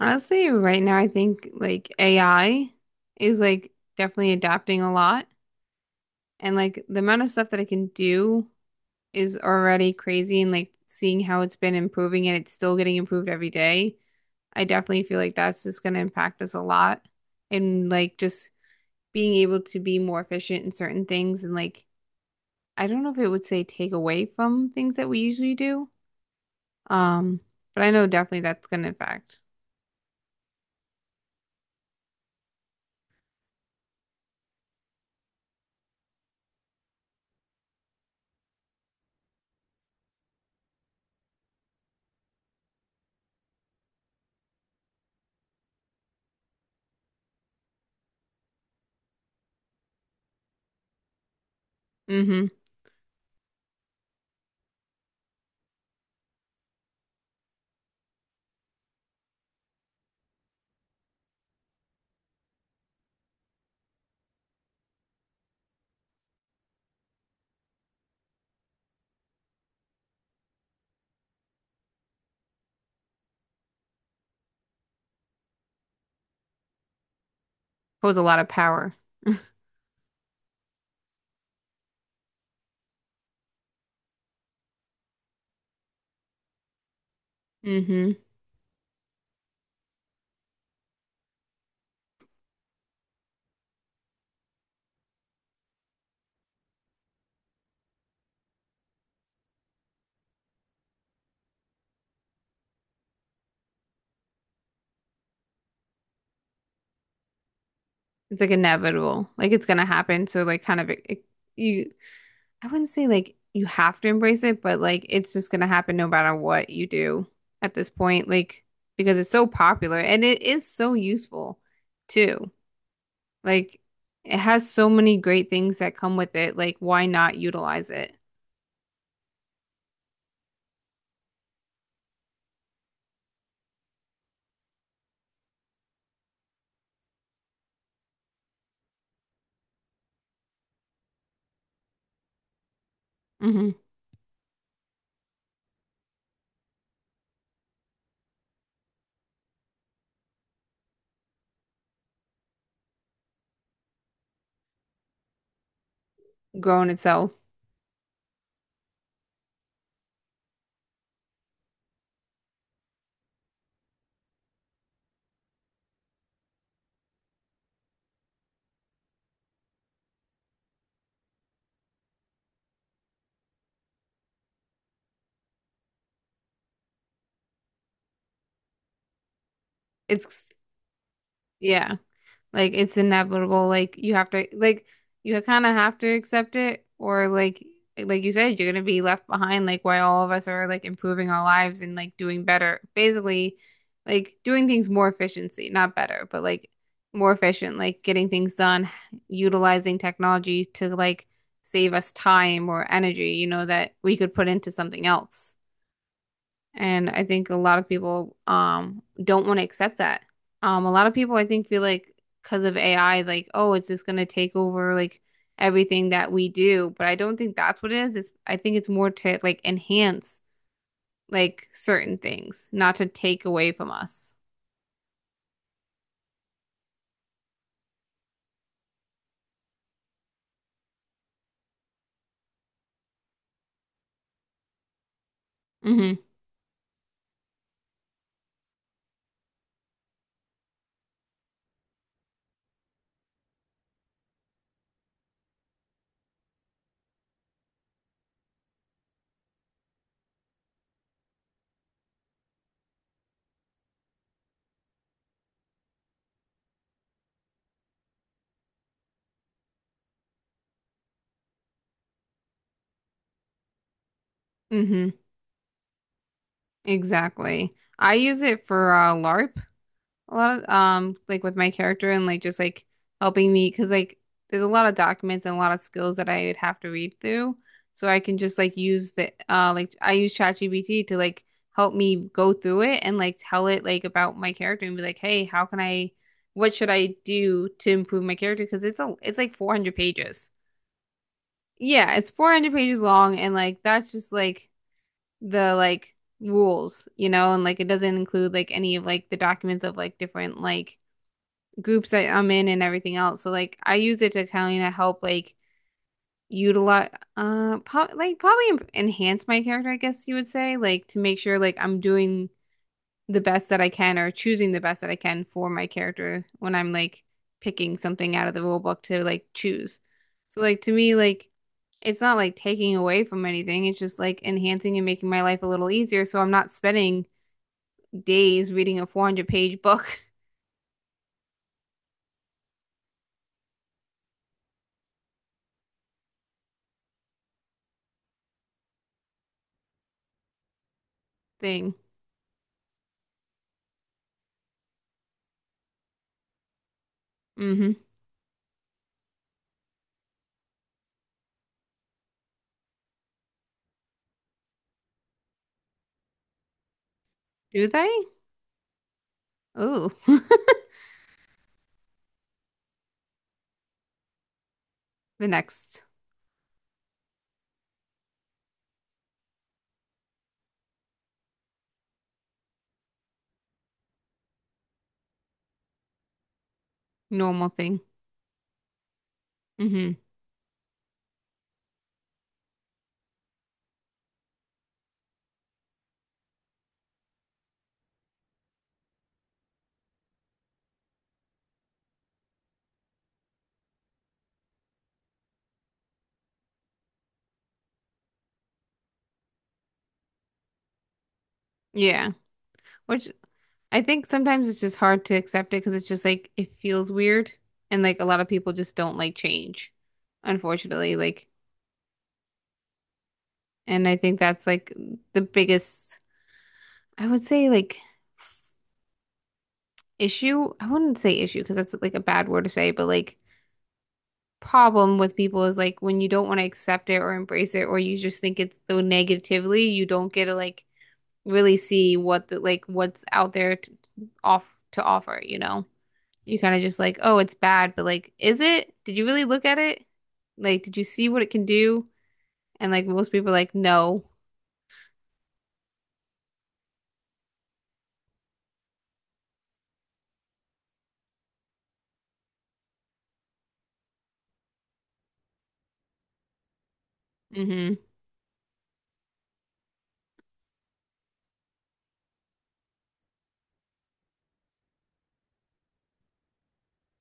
Honestly, right now I think like AI is like definitely adapting a lot. And like the amount of stuff that I can do is already crazy and like seeing how it's been improving and it's still getting improved every day. I definitely feel like that's just going to impact us a lot and like just being able to be more efficient in certain things and like I don't know if it would say take away from things that we usually do. Um, but I know definitely that's going to impact. Mm-hmm. Pose a lot of power. Mm-hmm. It's like inevitable. Like it's gonna happen. So like kind of you I wouldn't say like you have to embrace it, but like it's just gonna happen no matter what you do at this point. Like because it's so popular and it is so useful too. Like it has so many great things that come with it. Like why not utilize it? Hmm Grown itself. It's Yeah. Like it's inevitable. Like you have to like you kind of have to accept it, or like you said you're gonna be left behind like while all of us are like improving our lives and like doing better. Basically like doing things more efficiency, not better, but like more efficient, like getting things done, utilizing technology to like save us time or energy, that we could put into something else. And I think a lot of people don't want to accept that. A lot of people I think feel like because of AI, like, oh, it's just gonna take over like everything that we do. But I don't think that's what it is. It's I think it's more to like enhance like certain things, not to take away from us. Mm-hmm. Mm-hmm. Exactly. I use it for LARP, a lot of like with my character and like just like helping me because like there's a lot of documents and a lot of skills that I would have to read through, so I can just like use the like I use ChatGPT to like help me go through it and like tell it like about my character and be like hey how can I what should I do to improve my character because it's like 400 pages. Yeah, it's 400 pages long and like that's just like the like rules, and like it doesn't include like any of like the documents of like different like groups that I'm in and everything else. So like I use it to kind of help like utilize pro like probably enhance my character, I guess you would say, like to make sure like I'm doing the best that I can or choosing the best that I can for my character when I'm like picking something out of the rule book to like choose. So like to me like it's not like taking away from anything. It's just like enhancing and making my life a little easier so I'm not spending days reading a 400-page book. Thing. Hmm Do they? Ooh. The next normal thing. Hmm Yeah. Which I think sometimes it's just hard to accept it because it's just like it feels weird and like a lot of people just don't like change, unfortunately. Like, and I think that's like the biggest, I would say like issue. I wouldn't say issue because that's like a bad word to say, but like problem with people is like when you don't want to accept it or embrace it or you just think it's so negatively, you don't get to like really see what the like what's out there to offer, You kind of just like, oh, it's bad, but like, is it? Did you really look at it? Like, did you see what it can do? And like most people are like, no. Mm-hmm.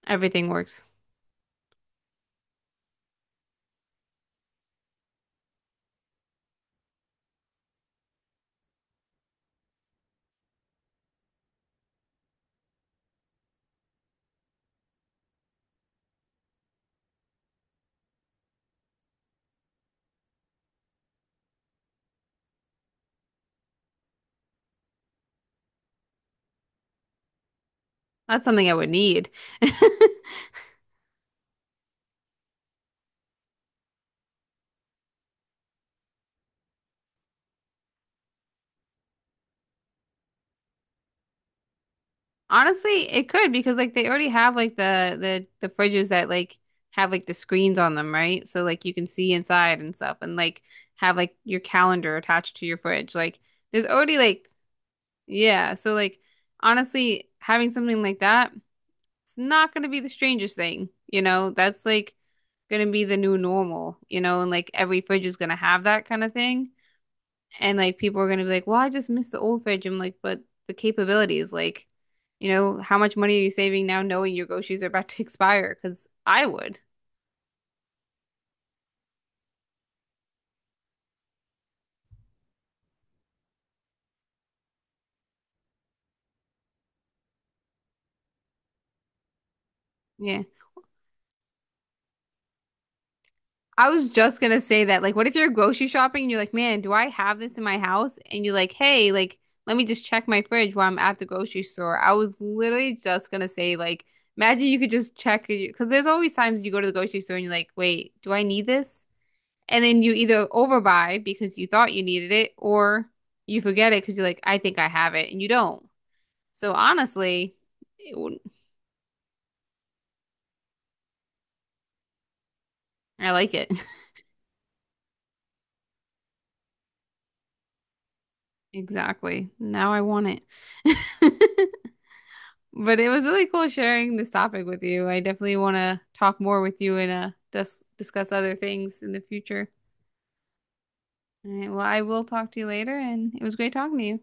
Everything works. That's something I would need. Honestly, it could because like they already have like the fridges that like have like the screens on them, right? So like you can see inside and stuff, and like have like your calendar attached to your fridge. Like there's already like yeah, so like honestly, having something like that, it's not going to be the strangest thing, That's like going to be the new normal, And like every fridge is going to have that kind of thing. And like people are going to be like, "Well, I just miss the old fridge." I'm like, "But the capabilities, like, you know, how much money are you saving now knowing your groceries are about to expire?" 'Cause I would. Yeah. I was just gonna say that, like, what if you're grocery shopping and you're like, man, do I have this in my house? And you're like, hey, like, let me just check my fridge while I'm at the grocery store. I was literally just gonna say, like, imagine you could just check, because there's always times you go to the grocery store and you're like, wait, do I need this? And then you either overbuy because you thought you needed it, or you forget it because you're like, I think I have it, and you don't. So honestly, it wouldn't- I like it. Exactly. Now I want it. But it was really cool sharing this topic with you. I definitely want to talk more with you and discuss other things in the future. All right, well, I will talk to you later, and it was great talking to you.